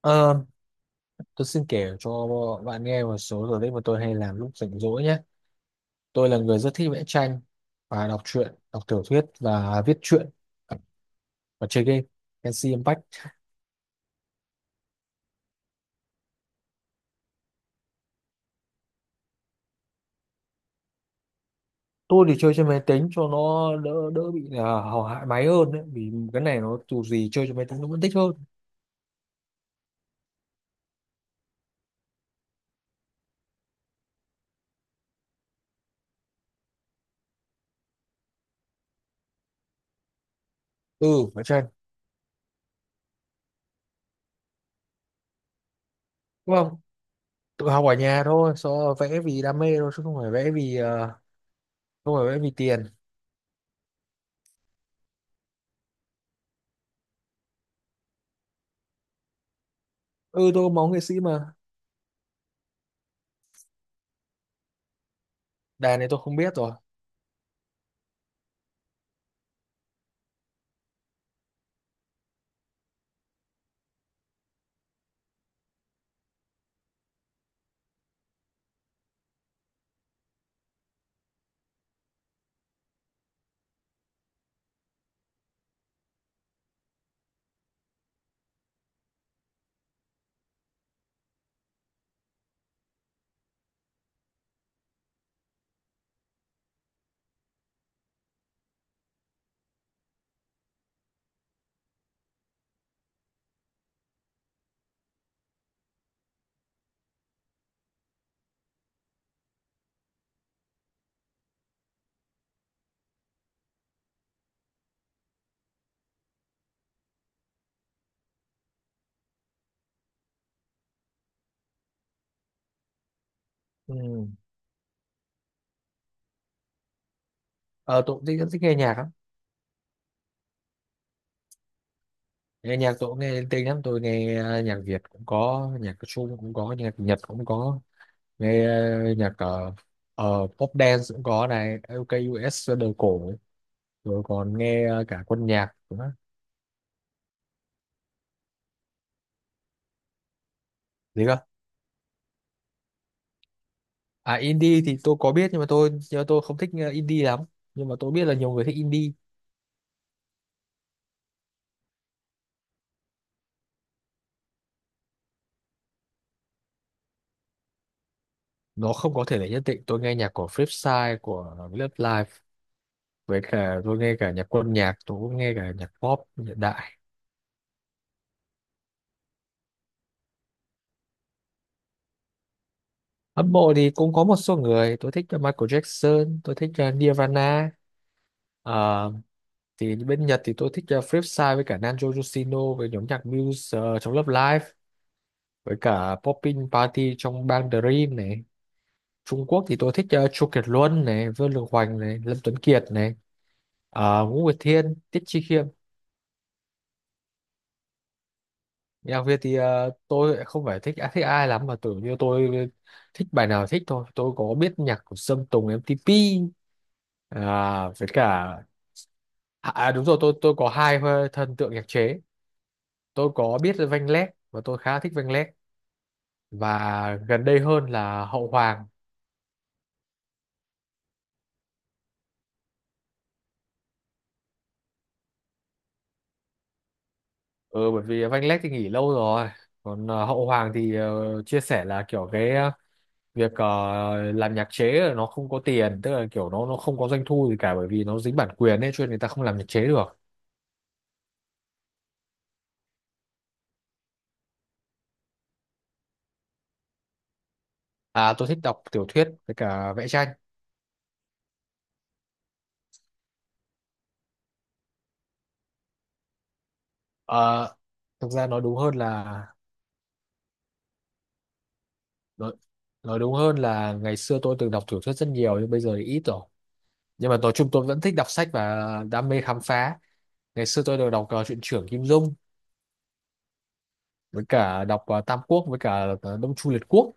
Ờ, tôi xin kể cho bạn nghe một số sở thích mà tôi hay làm lúc rảnh rỗi nhé. Tôi là người rất thích vẽ tranh và đọc truyện, đọc tiểu thuyết và viết truyện và chơi game MC Impact. Tôi thì chơi trên máy tính cho nó đỡ đỡ bị là hầu hại máy hơn đấy, vì cái này nó dù gì chơi trên máy tính nó vẫn thích hơn. Ừ, vẽ tranh. Đúng không? Tự học ở nhà thôi, so vẽ vì đam mê thôi chứ không phải vẽ vì ờ, không phải vẽ vì tiền. Ừ, tôi có máu nghệ sĩ mà. Đàn này tôi không biết rồi. Ừ. Ờ, tôi cũng thích, rất thích nghe nhạc lắm. Nghe nhạc tôi cũng nghe linh tinh lắm, tôi nghe nhạc Việt cũng có, nhạc Trung cũng có, nhạc Nhật cũng có. Nghe nhạc pop dance cũng có này, LKUS đời cổ, rồi còn nghe cả quân nhạc nữa. Gì cơ? À, indie thì tôi có biết, nhưng mà tôi không thích indie lắm. Nhưng mà tôi biết là nhiều người thích indie. Nó không có thể là nhất định, tôi nghe nhạc của Flipside của Love Live, với cả tôi nghe cả nhạc quân nhạc, tôi cũng nghe cả nhạc pop hiện đại. Hâm mộ thì cũng có một số người. Tôi thích Michael Jackson, tôi thích Nirvana. Ờ, thì bên Nhật thì tôi thích Flipside với cả Nanjo Yoshino, với nhóm nhạc Muse trong Love Live, với cả Poppin Party trong bang Dream này. Trung Quốc thì tôi thích Chu Kiệt Luân này, Vương Lực Hoành này, Lâm Tuấn Kiệt này, Ngũ Nguyệt Thiên, Tiết Chi Khiêm. Nhạc Việt thì tôi lại không phải thích, à, thích ai lắm mà tưởng như tôi thích bài nào thích thôi. Tôi có biết nhạc của Sơn Tùng MTP à, với cả. À, à, đúng rồi, tôi có hai thần tượng nhạc chế. Tôi có biết Vanh Leg và tôi khá thích Vanh Leg, và gần đây hơn là Hậu Hoàng. Ừ, bởi vì Vanh Leg thì nghỉ lâu rồi. Còn Hậu Hoàng thì chia sẻ là kiểu cái việc làm nhạc chế là nó không có tiền, tức là kiểu nó không có doanh thu gì cả, bởi vì nó dính bản quyền ấy cho nên người ta không làm nhạc chế được. À, tôi thích đọc tiểu thuyết với cả vẽ tranh. Ờ, Thực ra nói đúng hơn là nói, nói đúng hơn là ngày xưa tôi từng đọc tiểu thuyết rất nhiều nhưng bây giờ thì ít rồi. Nhưng mà nói chung tôi vẫn thích đọc sách và đam mê khám phá. Ngày xưa tôi đều đọc truyện trưởng Kim Dung, với cả đọc Tam Quốc với cả Đông Chu Liệt Quốc.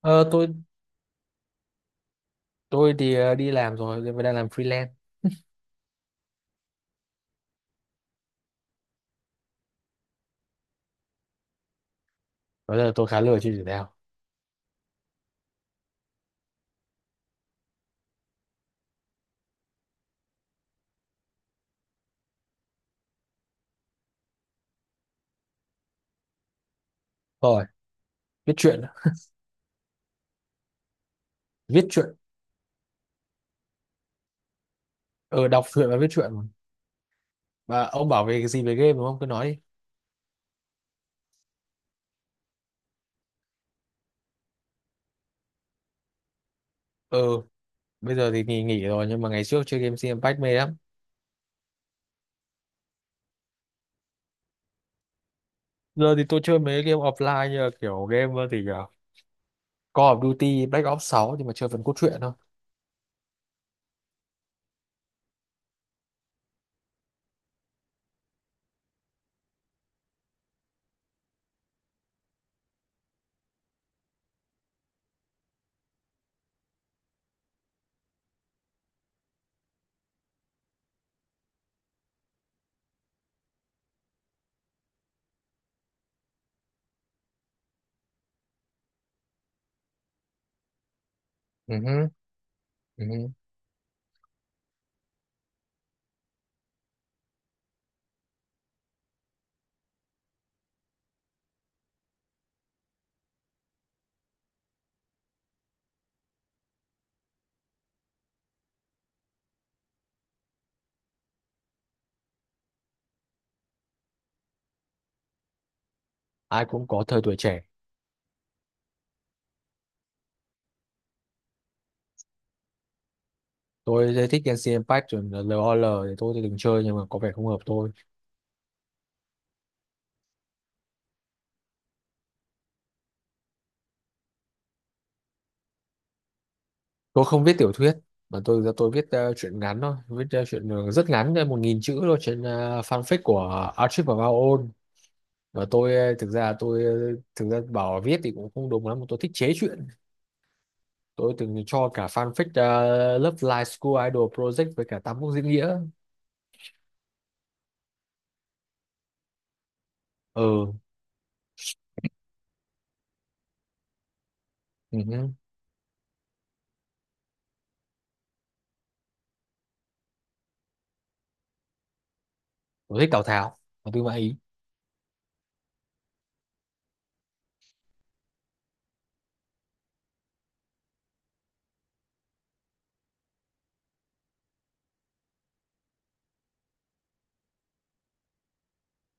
Ờ, tôi tôi thì đi làm rồi nhưng đang làm freelance. Bây giờ tôi khá lười chơi thể thao. Rồi, viết truyện ạ. Viết truyện ờ đọc truyện và viết truyện. Và ông bảo về cái gì về game, đúng không, cứ nói đi. ờ bây giờ thì nghỉ nghỉ rồi, nhưng mà ngày trước chơi game Genshin Impact mê lắm. Giờ thì tôi chơi mấy game offline, như là kiểu game thì Call of Duty Black Ops 6, nhưng mà chơi phần cốt truyện thôi. Ừ hứ, ừ hứ. Ai cũng có thời tuổi trẻ. Tôi rất thích Genshin Impact, rồi là LOL thì tôi từng chơi nhưng mà có vẻ không hợp tôi. Tôi không viết tiểu thuyết mà tôi viết truyện ngắn thôi, viết truyện rất ngắn, 1.000 chữ thôi, trên fanfic của Archive of Our Own. Và tôi thực ra bảo viết thì cũng không đúng lắm mà tôi thích chế truyện. Tôi từng cho cả fanfic Love Live School Idol Project với cả Tam Quốc Diễn Nghĩa. Ừ, ừ. Tôi thích Tào Tháo và Tư Mã Ý.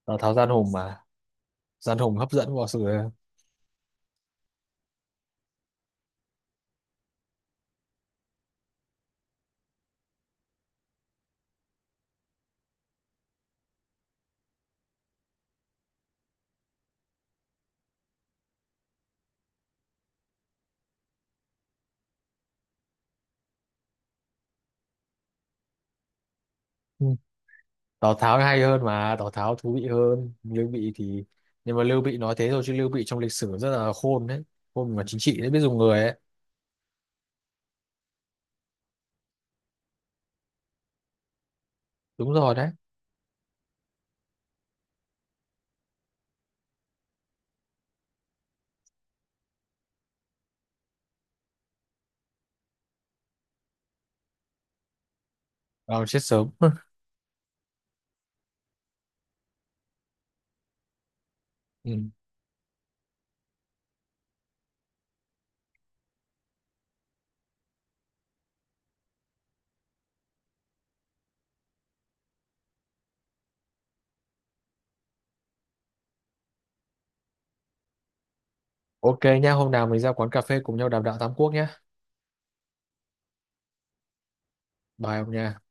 Tào Tháo gian hùng mà, gian hùng hấp dẫn vào sự. Ừ. Tào Tháo hay hơn mà, Tào Tháo thú vị hơn Lưu Bị thì, nhưng mà Lưu Bị nói thế thôi chứ Lưu Bị trong lịch sử rất là khôn đấy, khôn mà chính trị đấy, biết dùng người ấy. Đúng rồi đấy. Vào chết sớm. Ừ. Ok nhá, hôm nào mình ra quán cà phê cùng nhau đàm đạo Tam Quốc nhá. Bye ông nha.